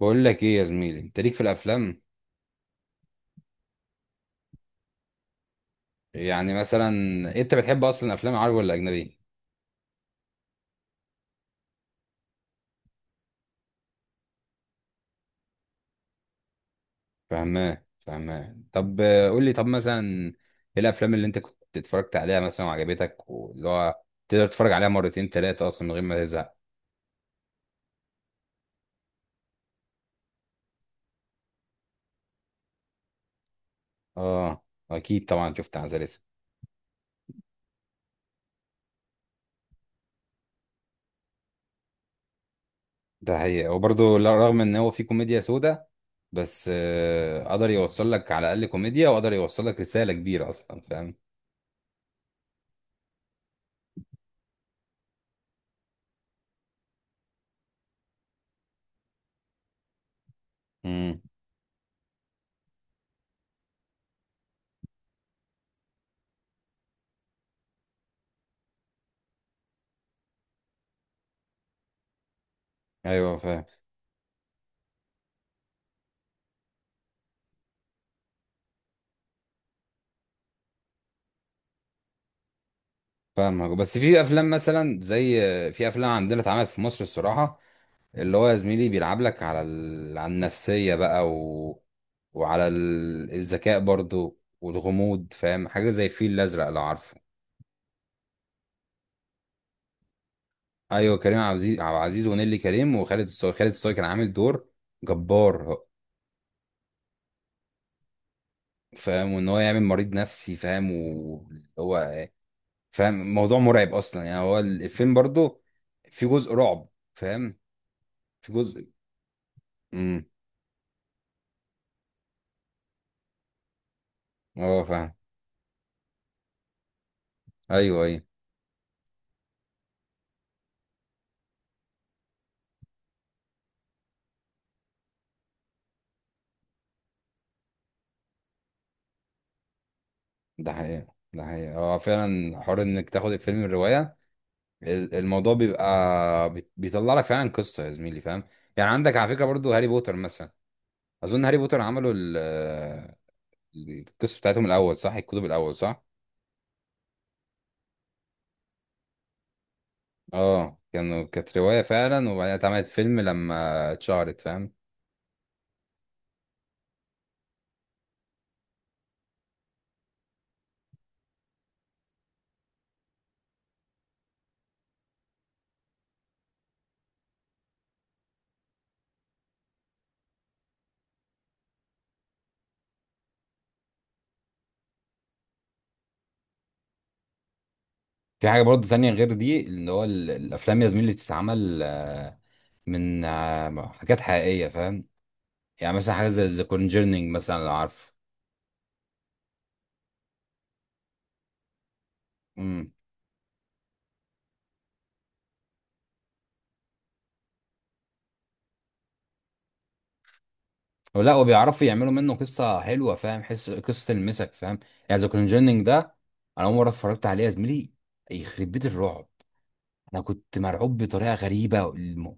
بقول لك ايه يا زميلي، انت ليك في الافلام؟ يعني مثلا انت بتحب اصلا افلام عربي ولا اجنبي؟ فاهماه. طب قول لي طب مثلا ايه الافلام اللي انت كنت اتفرجت عليها مثلا وعجبتك، واللي هو تقدر تتفرج عليها مرتين ثلاثه اصلا من غير ما تزهق؟ اه، اكيد طبعا شفت عسل. ده حقيقة، وبرضه رغم ان هو فيه كوميديا سودا بس قدر يوصل لك على الاقل كوميديا، وقدر يوصل لك رساله كبيره اصلا، فاهم؟ امم. ايوه فاهم. فاهمك، بس في افلام مثلا زي، في افلام عندنا اتعملت في مصر الصراحه، اللي هو يا زميلي بيلعب لك على النفسيه بقى وعلى الذكاء برضو والغموض، فاهم؟ حاجه زي الفيل الازرق، لو عارفه. ايوه كريم عبد العزيز، عبد العزيز ونيلي كريم وخالد الصاوي، خالد الصاوي كان عامل دور جبار. فاهم، وان هو يعمل مريض نفسي، فاهم، وهو فاهم، موضوع مرعب اصلا، يعني هو الفيلم برضو في جزء رعب، فاهم، في جزء. امم. اه فاهم. ايوه ايوه. ده حقيقة ده حقيقة، هو فعلا حوار انك تاخد الفيلم الرواية، الموضوع بيبقى، بيطلع لك فعلا قصة يا زميلي، فاهم؟ يعني عندك على فكرة برضو هاري بوتر مثلا، اظن هاري بوتر عملوا القصة بتاعتهم الاول، صح؟ الكتب الاول، صح؟ اه كانوا، كانت رواية فعلا، وبعدين اتعملت فيلم لما اتشهرت، فاهم؟ في حاجة برضو تانية غير دي، اللي هو الافلام يا زميلي اللي بتتعمل من حاجات حقيقية، فاهم؟ يعني مثلا حاجة زي ذا كونجرنينج مثلا، لو عارفه. امم. لا، وبيعرفوا يعملوا منه قصه حلوه، فاهم؟ حس، قصه تلمسك، فاهم؟ يعني ذا كونجيننج ده، انا اول مره اتفرجت عليه يا زميلي، يخرب بيت الرعب، انا كنت مرعوب بطريقه غريبه،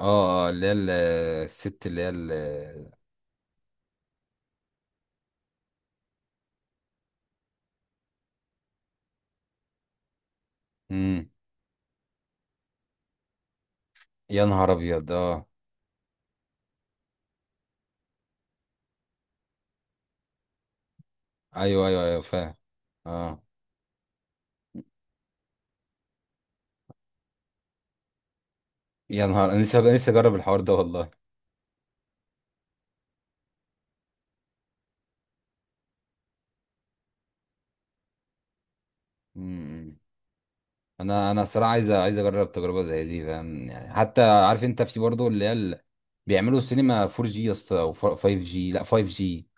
اه اه اللي هي الست اللي هي امم. يا نهار ابيض، اه. ايوه ايوه ايوه فاهم. اه. يا نهار، انا نفسي اجرب الحوار ده والله. امم. انا الصراحه عايز اجرب تجربه زي دي، فاهم؟ يعني حتى عارف انت في برضه اللي هي بيعملوا سينما 4G جي يا اسطى، او 5G جي، لا 5G جي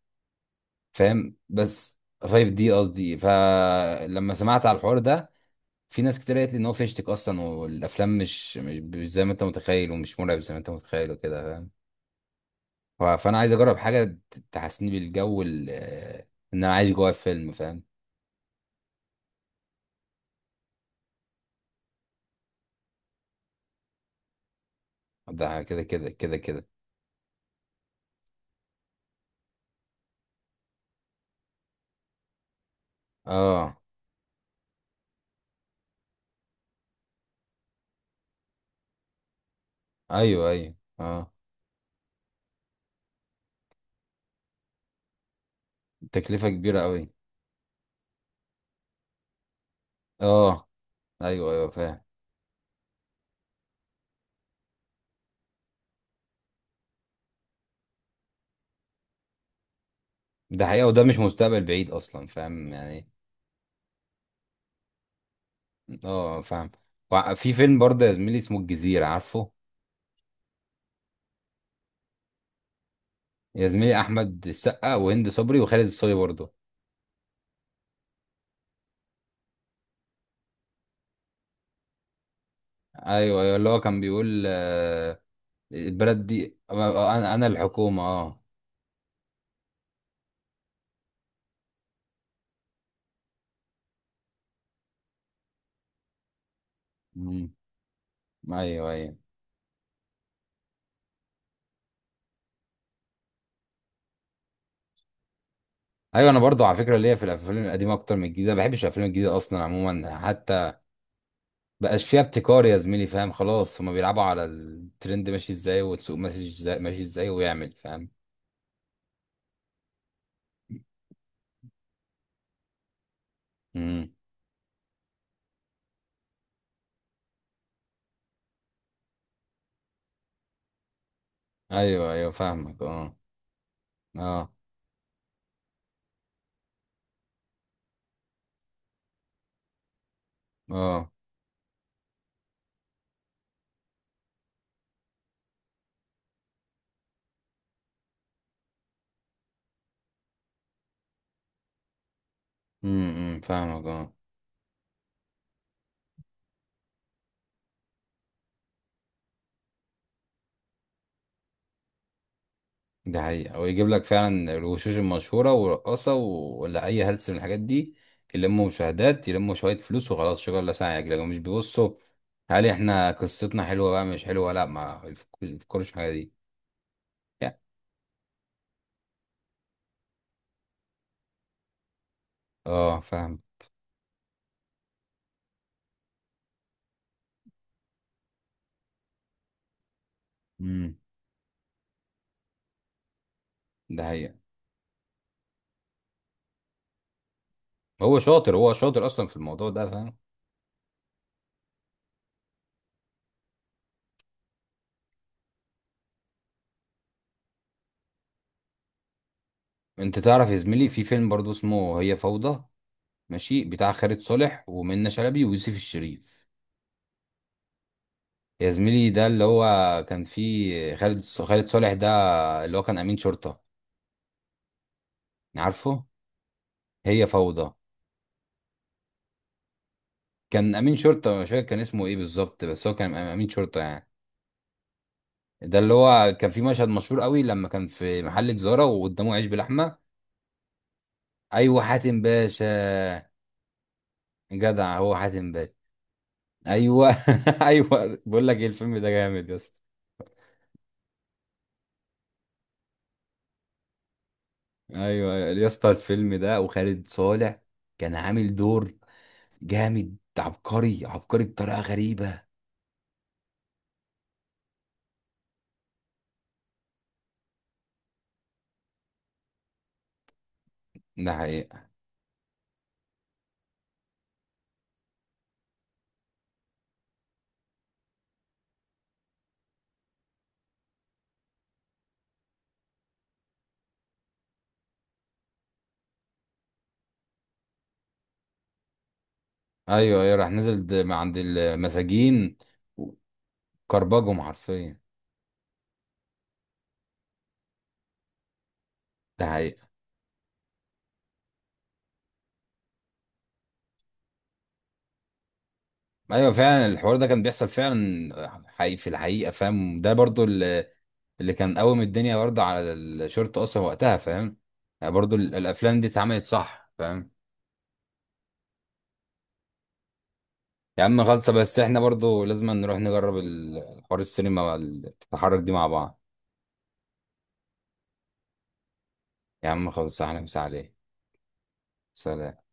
فاهم، بس 5D دي قصدي. فلما سمعت على الحوار ده، في ناس كتير قالت لي ان هو فيشتك اصلا، والافلام مش زي ما انت متخيل، ومش مرعب زي ما انت متخيل وكده، فاهم؟ فانا عايز اجرب حاجه تحسسني بالجو ان انا عايش جوه الفيلم، فاهم؟ ده، كده. اه ايوه ايوه اه. تكلفه كبيره قوي. اه ايوه ايوه فاهم. ده حقيقة، وده مش مستقبل بعيد اصلا، فاهم يعني. اه فاهم. في فيلم برضه يا زميلي اسمه الجزيرة، عارفه؟ يا زميلي احمد السقا وهند صبري وخالد الصاوي برضه. ايوه ايوه، اللي هو كان بيقول البلد دي انا، انا الحكومة اه. مم. ايوه ايوه. ايوه انا برضه على فكرة ليا في الافلام القديمة اكتر من الجديدة، ما بحبش الافلام الجديدة اصلا عموما حتى. بقاش فيها ابتكار يا زميلي، فاهم؟ خلاص، هما بيلعبوا على الترند ماشي ازاي، والسوق ماشي ازاي ماشي ازاي، ويعمل، فاهم؟ امم. ايوه ايوه فاهمك اه. اه اه. فاهمك اه. ده حقيقة، ويجيب لك فعلا الوشوش المشهورة ورقاصة ولا أي هلس من الحاجات دي، يلموا مشاهدات، يلموا شوية فلوس وخلاص، شكرا الله ساعة يجلجوا مش بيبصوا. هل احنا قصتنا حلوة بقى مش حلوة؟ لا، ما يفكرش في الحاجة دي. يا. اه فاهم. امم. ده حقيقة. هو شاطر أصلا في الموضوع ده، فاهم؟ انت تعرف يا زميلي في فيلم برضو اسمه هي فوضى، ماشي؟ بتاع خالد صالح ومنة شلبي ويوسف الشريف. يا زميلي ده اللي هو كان فيه خالد صالح ده، اللي هو كان امين شرطة، عارفه؟ هي فوضى. كان امين شرطة، مش فاكر كان اسمه ايه بالظبط، بس هو كان امين شرطة يعني. ده اللي هو كان في مشهد مشهور قوي، لما كان في محل جزارة وقدامه عيش بلحمة. ايوه حاتم باشا. جدع هو حاتم باشا. ايوه ايوه بقول لك ايه، الفيلم ده جامد يا اسطى. ايوه يا اسطى، الفيلم ده وخالد صالح كان عامل دور جامد، عبقري، عبقري بطريقه غريبه. ده حقيقة. ايوه ايوه، راح نزل مع عند المساجين، كربجهم حرفيا. ده حقيقة. ايوه فعلا الحوار ده كان بيحصل فعلا حقيقي في الحقيقة، فاهم؟ ده برضو اللي كان قوم الدنيا برضو على الشرطة اصلا وقتها، فاهم؟ يعني برضو الافلام دي اتعملت صح، فاهم؟ يا عم خالصة، بس احنا برضو لازم نروح نجرب الحوار، السينما والتحرك دي مع بعض. يا عم خالصة، احنا مسا عليه. سلام.